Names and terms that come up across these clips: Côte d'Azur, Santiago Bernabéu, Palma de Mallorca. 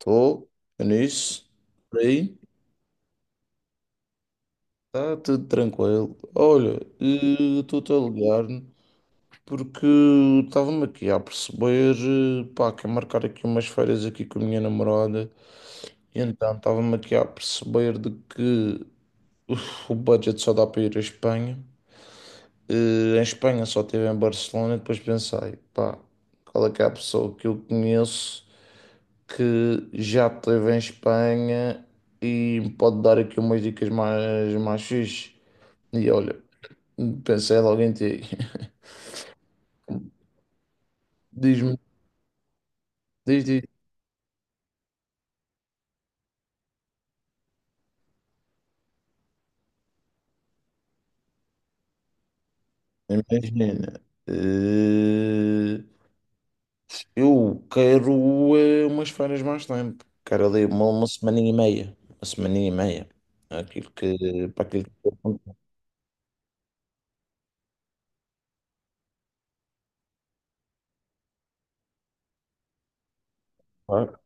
Estou é nisso. Por aí. Está tudo tranquilo. Olha, estou-te a ligar porque estava-me aqui a perceber, pá, quero marcar aqui umas férias aqui com a minha namorada. E então estava-me aqui a perceber de que o budget só dá para ir à Espanha. Em Espanha só estive em Barcelona e depois pensei, pá, qual é que é a pessoa que eu conheço? Que já esteve em Espanha e me pode dar aqui umas dicas mais fixe. E olha, pensei logo em ti. Diz-me, diz. Imagina, eh, eu quero umas férias mais tempo. Quero ali uma semana e meia. Uma semana e meia. Para aquilo que eu vou contar.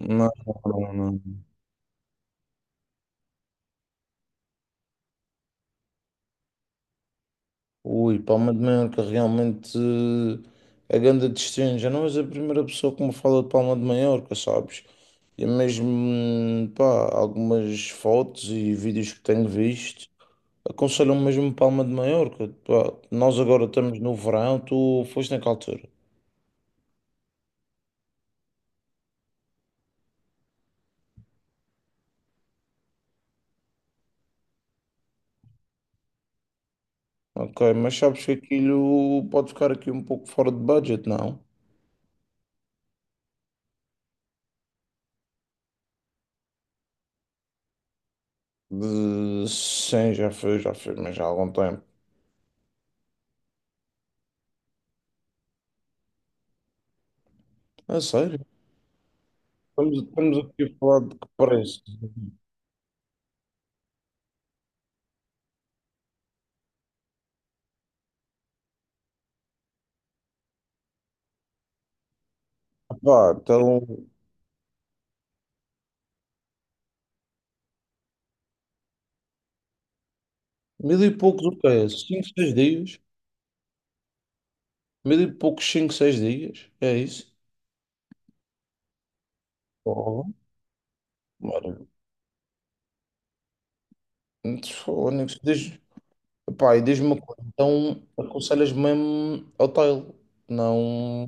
Não, não. Ui, Palma de Mallorca, realmente a grande destino. Já não és a primeira pessoa que me fala de Palma de Maiorca, sabes? E é mesmo, pá, algumas fotos e vídeos que tenho visto aconselham mesmo Palma de Maiorca. Pá, nós agora estamos no verão, tu foste naquela altura. Ok, mas sabes que aquilo pode ficar aqui um pouco fora de budget, não? De- Sim, já foi, mas já há algum tempo. É sério? Estamos aqui a falar de que preço? Pá, então. Mil e poucos o quê? Cinco, seis dias? Mil e poucos, cinco, seis dias? É isso? Oh, olha, Fónix, diz, pá, e diz-me uma coisa, então aconselhas mesmo hotel, não...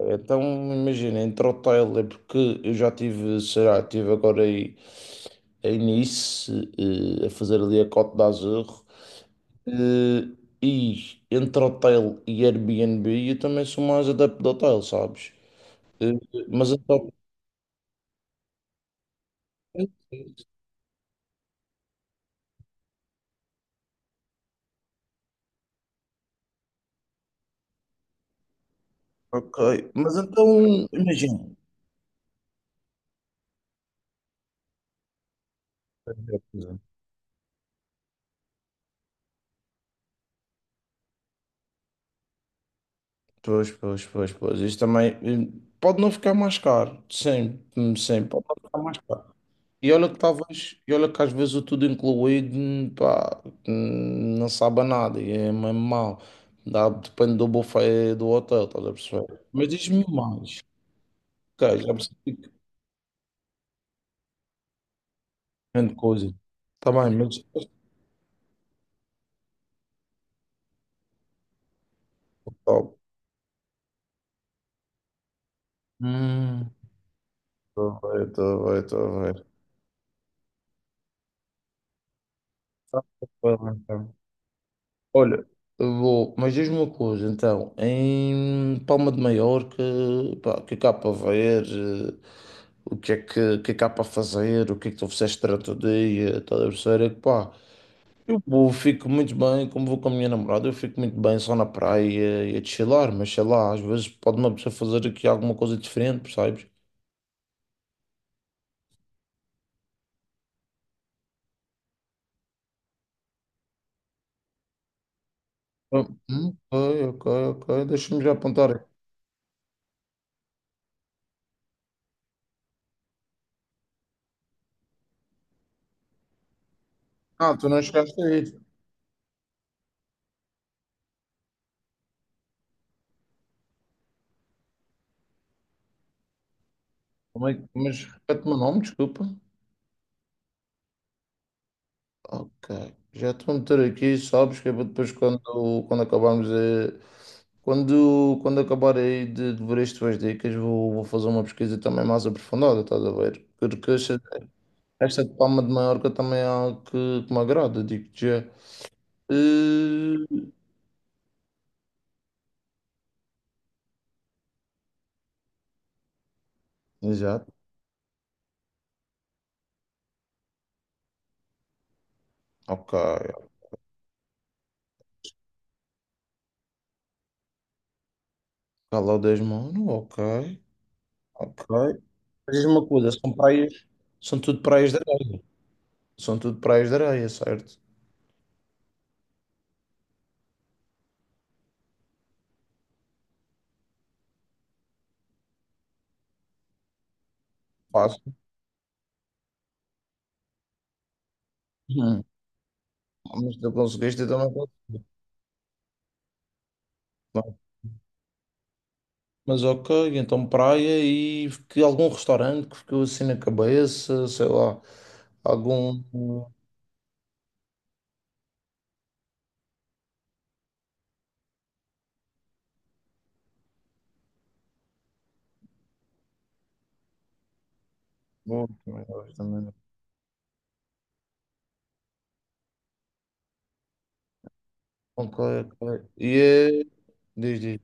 Então, imagina, entre hotel, é porque eu já tive, sei lá, estive agora aí em Nice, a fazer ali a Côte d'Azur, eh, e entre hotel e Airbnb, eu também sou mais adepto de hotel, sabes? Eh, Mas então, ok. Mas então, imagina. Pois. Isto também pode não ficar mais caro. Sim, sim, pode não ficar mais caro. E olha que às vezes o tudo incluído, pá, não sabe a nada e é mesmo mau. Dá, depende do buffet do hotel, estás a perceber? Mas diz-me mais. Ok, já percebi que grande coisa. Tá bem, mas. Top. Hum. Estou bem. Tá bom, então. Olha, eu vou, mas diz-me uma coisa, então, em Palma de Maiorca, pá, o que é que há para ver, o que é que, o que é que há para fazer, o que é que tu fizeste durante o dia, tá a ver, é que pá, eu vou- fico muito bem, como vou com a minha namorada, eu fico muito bem só na praia e a chilar, mas sei lá, às vezes pode uma pessoa fazer aqui alguma coisa diferente, percebes? Ah, ok, deixa-me já apontar aqui. Ah, tu não chegaste a ir. Como é que- Mas repete o meu nome, desculpa. Ok. Já estou a meter aqui, sabes, que é para depois quando, quando acabarmos a- quando acabar aí de ver as tuas dicas, vou fazer uma pesquisa também mais aprofundada, estás a ver? Porque esta de Palma de Maiorca também é algo que me agrada, digo-te já. Eh, Exato. Ok. Calor Mano, ok. Ok. Mas diz-me uma coisa, são praias, são tudo praias de areia, são tudo praias de areia, certo? Fácil. Hum. Mas tu conseguiste, eu também consegui. Mas ok, então praia e que algum restaurante que ficou assim na cabeça, sei lá, algum. Bom, também gosto também. Ok, ok. E é. Diz.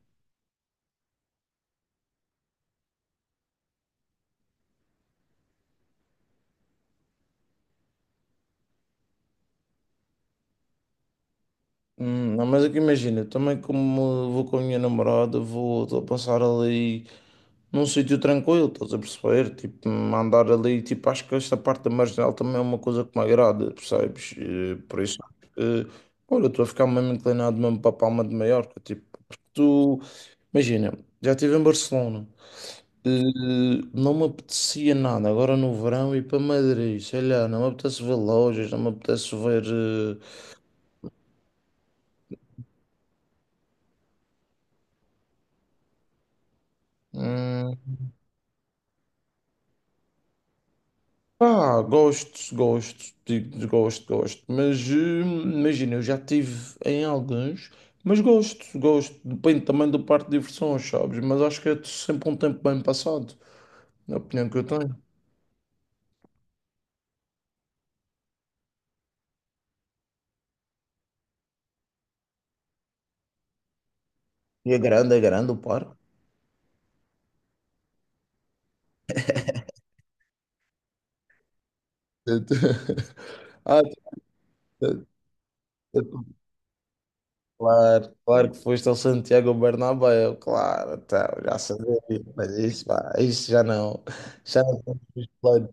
Não, mas é que imagina, também como vou com a minha namorada, vou, estou a passar ali num sítio tranquilo, estás a perceber? Tipo, andar ali, tipo, acho que esta parte da marginal também é uma coisa que me agrada, percebes? Por isso, eh, olha, estou a ficar mesmo inclinado mesmo para a Palma de Maiorca, tipo, porque tu, imagina, já estive em Barcelona, eh, não me apetecia nada, agora no verão ir para Madrid, sei lá, não me apetece ver lojas, não me apetece ver. Hum, Ah, gosto, mas imagina, eu já tive em alguns, mas gosto, depende também do parque de diversões, sabes? Mas acho que é sempre um tempo bem passado, na opinião que eu tenho. E é grande o parque. Ah, tu- tu- claro, claro que foste ao Santiago Bernabéu, claro, então, já sabia, mas isso, pá, já não temos planos.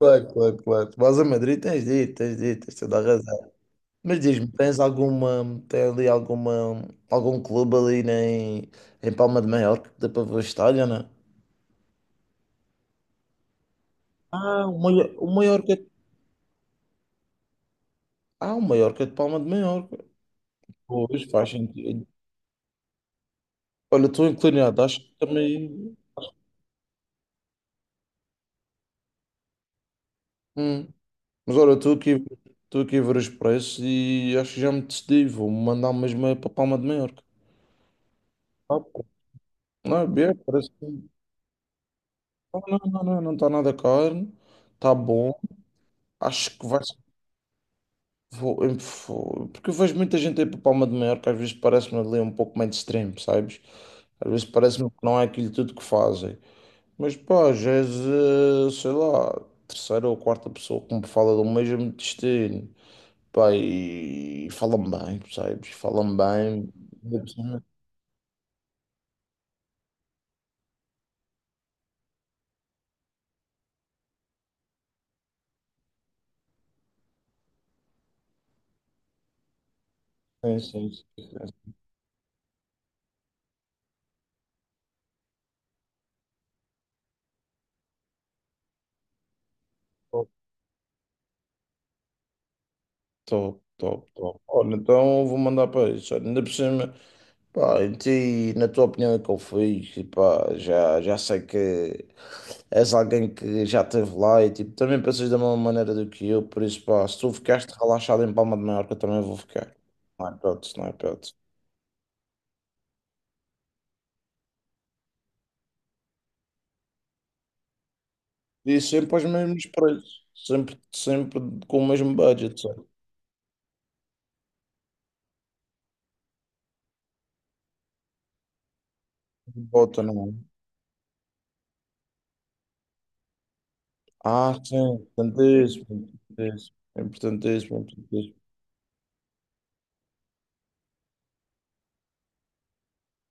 Claro, claro, claro. Mas a Madrid tens dito, tens dito, tens toda a razão. Mas diz-me, tem ali alguma, algum clube ali em, em Palma de Maiorca que dá para ver o estádio, não é? Ah, o maior, o Maiorca de Palma de Maiorca. Pois, faz sentido. Olha, estou inclinado, acho que também... Hum. Mas olha, estou aqui a ver os preços e acho que já me decidi, vou mandar mesmo é para Palma de Maiorca. Ah, pô. Não, é bem, parece que... Não, não está nada caro, está bom. Acho que vai Vou- eu vou- porque eu vejo muita gente aí para Palma de Mallorca, às vezes parece-me ali um pouco mainstream, sabes? Às vezes parece-me que não é aquilo tudo que fazem. Mas pá, já és, sei lá, terceira ou quarta pessoa que me fala do mesmo destino. Pá, e falam bem, sabes? Falam bem. Sim. Top, top. Olha, então vou mandar para isso. Ainda por cima. Pá, e ti, na tua opinião, é que eu fiz? E pá, já sei que és alguém que já esteve lá e tipo, também pensas da mesma maneira do que eu, por isso, pá, se tu ficaste relaxado em Palma de Mallorca, eu também vou ficar. Não é hipótese, não é hipótese. E sempre aos mesmos preços, sempre com o mesmo budget, sabe? Volta, não é? Ah, sim, importantíssimo.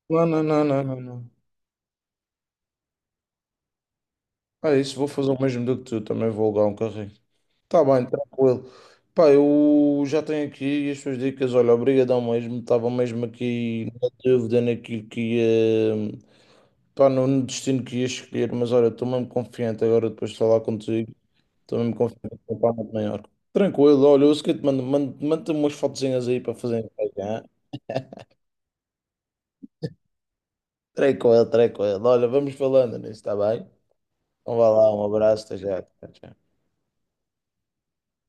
Não. É isso, vou fazer o mesmo do que tu, também vou alugar um carrinho. Tá bem, tranquilo. Pá, eu já tenho aqui as suas dicas. Olha, obrigadão mesmo. Estava mesmo aqui na dúvida naquilo que ia. Pá, no destino que ia escolher, mas olha, estou mesmo confiante agora depois de falar contigo. Estou mesmo confiante que vou para muito maior. Tranquilo, olha, eu sei que te mando umas fotozinhas aí para fazer. Hein? Tranquilo, tranquilo. Olha, vamos falando nisso, está bem? Então vá lá, um abraço, até já. Tchau, tchau.